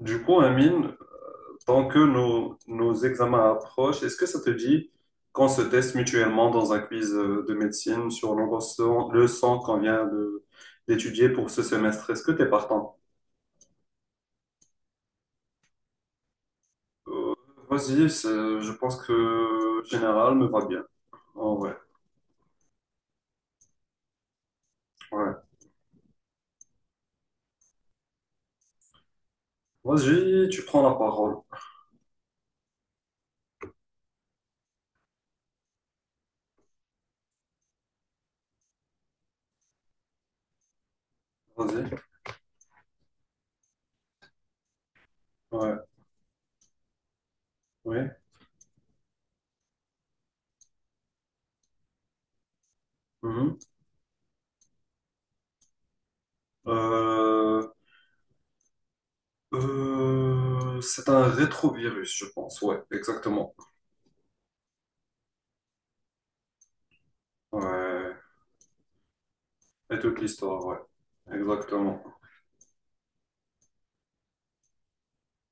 Du coup, Amine, tant que nos examens approchent, est-ce que ça te dit qu'on se teste mutuellement dans un quiz de médecine sur nos leçons, d'étudier pour ce semestre? Est-ce que tu es partant? Euh, Vas-y, je pense que général me va bien. En vrai, ouais. Vas-y, tu prends la parole. Vas-y. Ouais, oui. Mhm. Euh, c'est un rétrovirus, je pense. Ouais, exactement. Ouais. Et toute l'histoire, ouais. Exactement.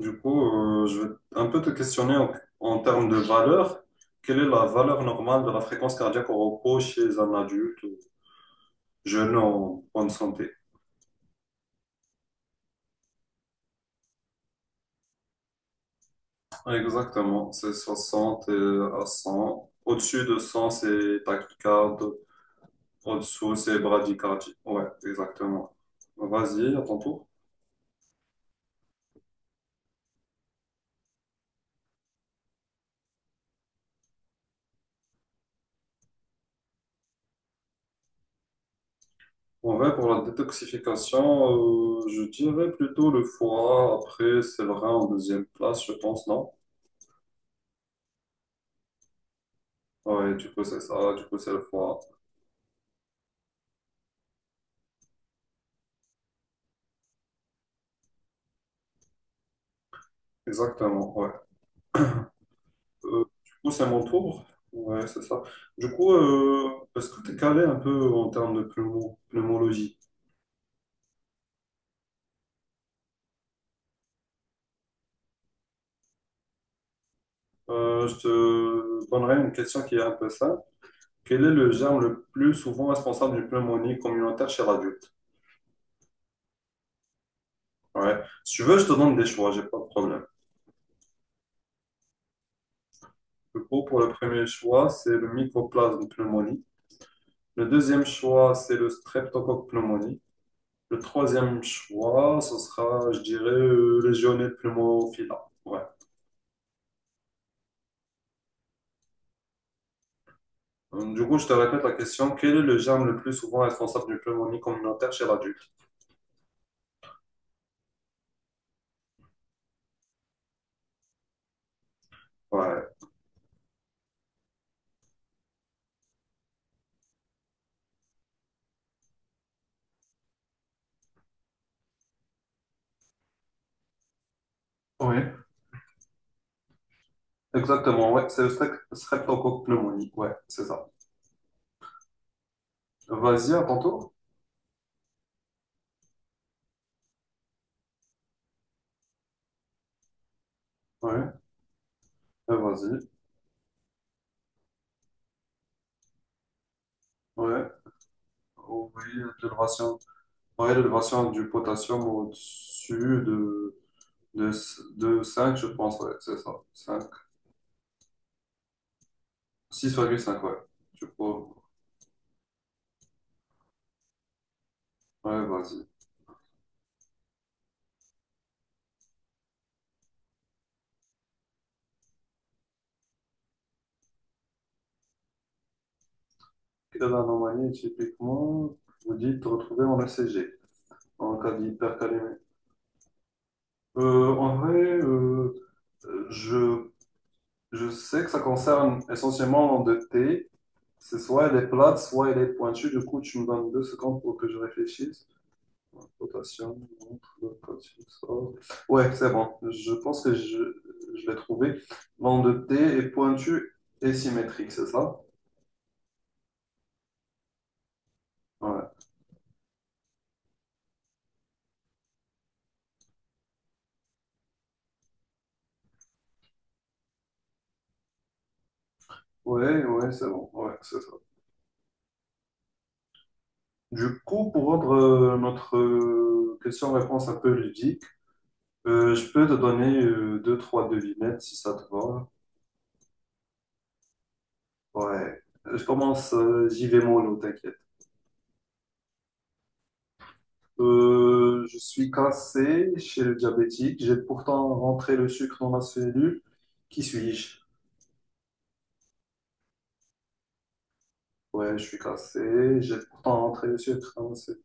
Du coup, je vais un peu te questionner en termes de valeur. Quelle est la valeur normale de la fréquence cardiaque au repos chez un adulte jeune en bonne santé? Exactement, c'est 60 à 100. Au-dessus de 100, c'est tachycardie. Au-dessous, c'est bradycardie. Ouais, exactement. Vas-y, à ton tour. En vrai, pour la détoxification, je dirais plutôt le foie. Après, c'est le rein en deuxième place, je pense, non? Ouais, du coup, c'est ça, du coup, c'est le foie. Exactement, ouais. Du coup, c'est mon tour. Ouais, c'est ça. Du coup, est-ce que tu es calé un peu en termes de pneumologie? Je te donnerai une question qui est un peu simple. Quel est le germe le plus souvent responsable d'une pneumonie communautaire chez l'adulte? Ouais. Si tu veux, je te donne des choix, j'ai pas de problème. Du coup, pour le premier choix, c'est le mycoplasme pneumonie. Le deuxième choix, c'est le streptocoque pneumonie. Le troisième choix, ce sera, je dirais, légionnaire pneumophila. Ouais. Donc, du coup, je te répète la question. Quel est le germe le plus souvent responsable d'une pneumonie communautaire chez l'adulte? Ouais. Oui. Exactement, ouais. C'est le streptocoque pneumonie. Ouais, c'est ça. Vas-y, à ton tour. Ouais. Vas-y. Ouais. Oh, oui, l'élévation. Ouais, l'élévation du potassium au-dessus de, de, de 5 je pense. Ouais, c'est ça. 5, 6,5, ouais. Tu peux... Ouais, vas-y. Dans l'anomanie, typiquement, vous dites retrouver en ECG, en cas d'hypercalémie. Euh, en vrai, euh, euh, je, je sais que ça concerne essentiellement l'endetté. C'est soit elle est plate, soit elle est pointue. Du coup, tu me donnes 2 secondes pour que je réfléchisse. Rotation, montre, rotation, sort. Ouais, c'est bon. Je pense que Je l'ai trouvé. L'endetté est pointue et symétrique, c'est ça? Ouais, ouais, c'est bon. Ouais, c'est... Du coup, pour rendre notre question-réponse un peu ludique, je peux te donner 2, 3 devinettes si ça te va. Ouais. Je commence, j'y vais mollo, t'inquiète. Je suis cassé chez le diabétique. J'ai pourtant rentré le sucre dans ma cellule. Qui suis-je? Ouais, je suis cassé. J'ai pourtant rentré le sucre dans ma cellule.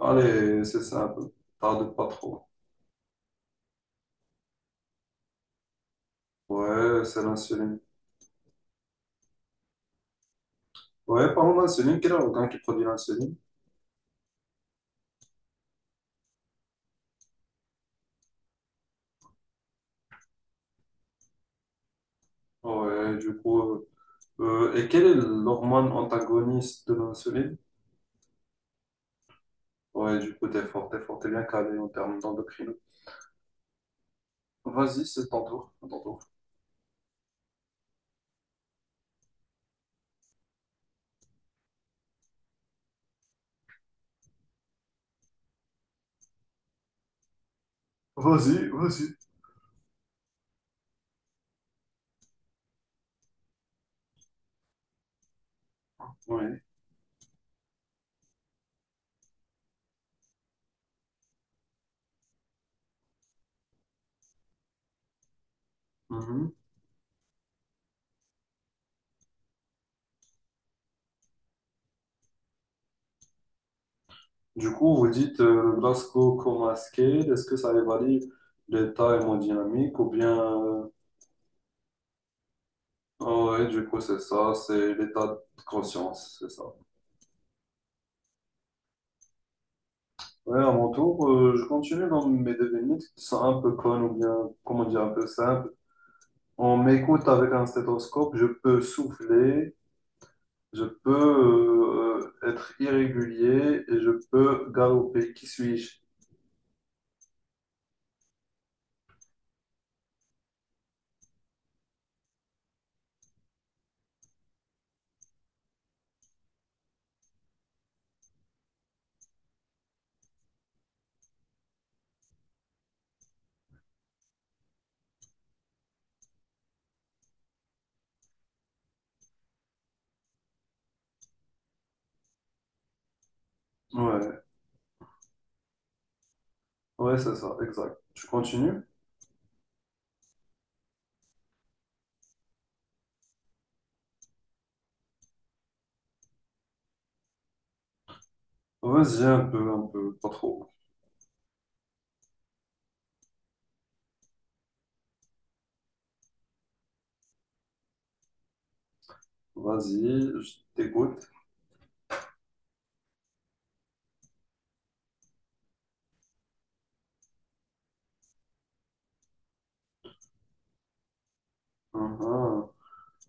Allez, c'est simple. Tarde pas trop. Ouais, c'est l'insuline. Ouais, parlons d'insuline. Quel est l'organe qui produit l'insuline? Ouais, du coup. Et quelle est l'hormone antagoniste de l'insuline? Ouais, du coup, t'es fort, t'es fort, t'es bien calé en termes d'endocrino. Vas-y, c'est ton tour, à ton tour. Vas-y, vas-y. Oui. Mhm. Du coup, vous dites le glascocomasqué, est-ce que ça évalue l'état hémodynamique ou bien... euh, ah ouais, du coup, c'est ça, c'est l'état de conscience, c'est ça. Ouais, à mon tour, je continue dans mes devinettes qui sont un peu connes ou bien, comment dire, un peu simples. On m'écoute avec un stéthoscope, je peux souffler, je peux être irrégulier et je peux galoper. Qui suis-je? Ouais, ouais, c'est ça, exact. Tu continues? Vas-y, un peu, pas trop. Vas-y, je t'écoute. Uhum.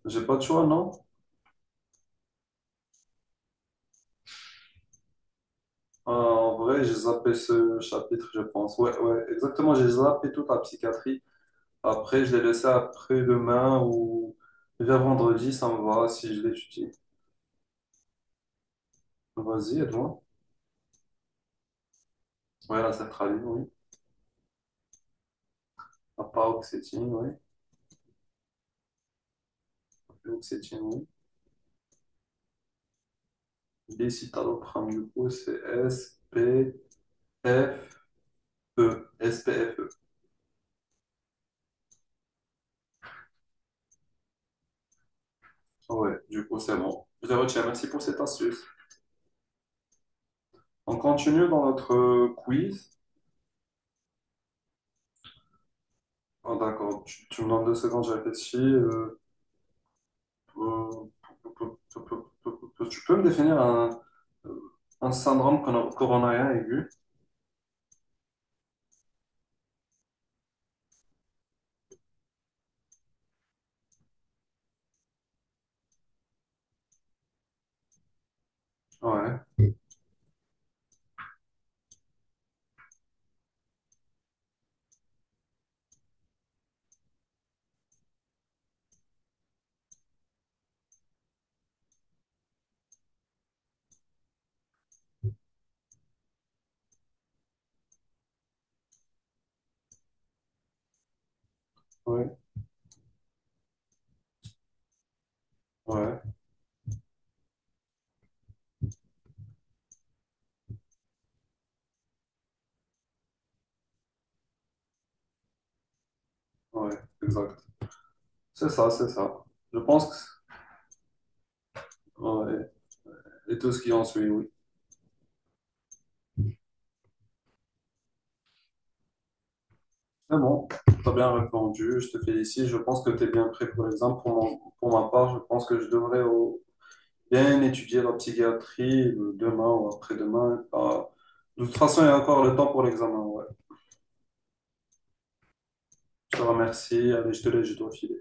J'ai pas de choix, non? Ah, en vrai, j'ai zappé ce chapitre, je pense. Ouais, ouais, exactement, j'ai zappé toute la psychiatrie. Après, je l'ai laissé après-demain ou vers vendredi, ça me va si je l'étudie. Vas-y, aide-moi. Ouais, la sertraline, oui. La paroxétine, oui. L'oxétine, décitalopram, du coup, c'est S-P-F-E. S-P-F-E. Ah ouais, du coup, c'est bon. Je les retiens. Merci pour cette astuce. On continue dans notre quiz. Ah, d'accord. Tu me donnes deux secondes, je réfléchis. Euh, tu peux me définir un syndrome coronarien aigu? Ouais, ouais, ouais, ouais, exact. C'est ça, c'est ça. Je pense que... ouais. Et tout ce qui en suit, oui. Mais bon, t'as bien répondu, je te félicite. Je pense que t'es bien prêt pour l'examen. Pour, pour ma part, je pense que je devrais bien étudier la psychiatrie demain ou après-demain. Ah, de toute façon, il y a encore le temps pour l'examen. Ouais. Je te remercie. Allez, je te laisse, je dois filer.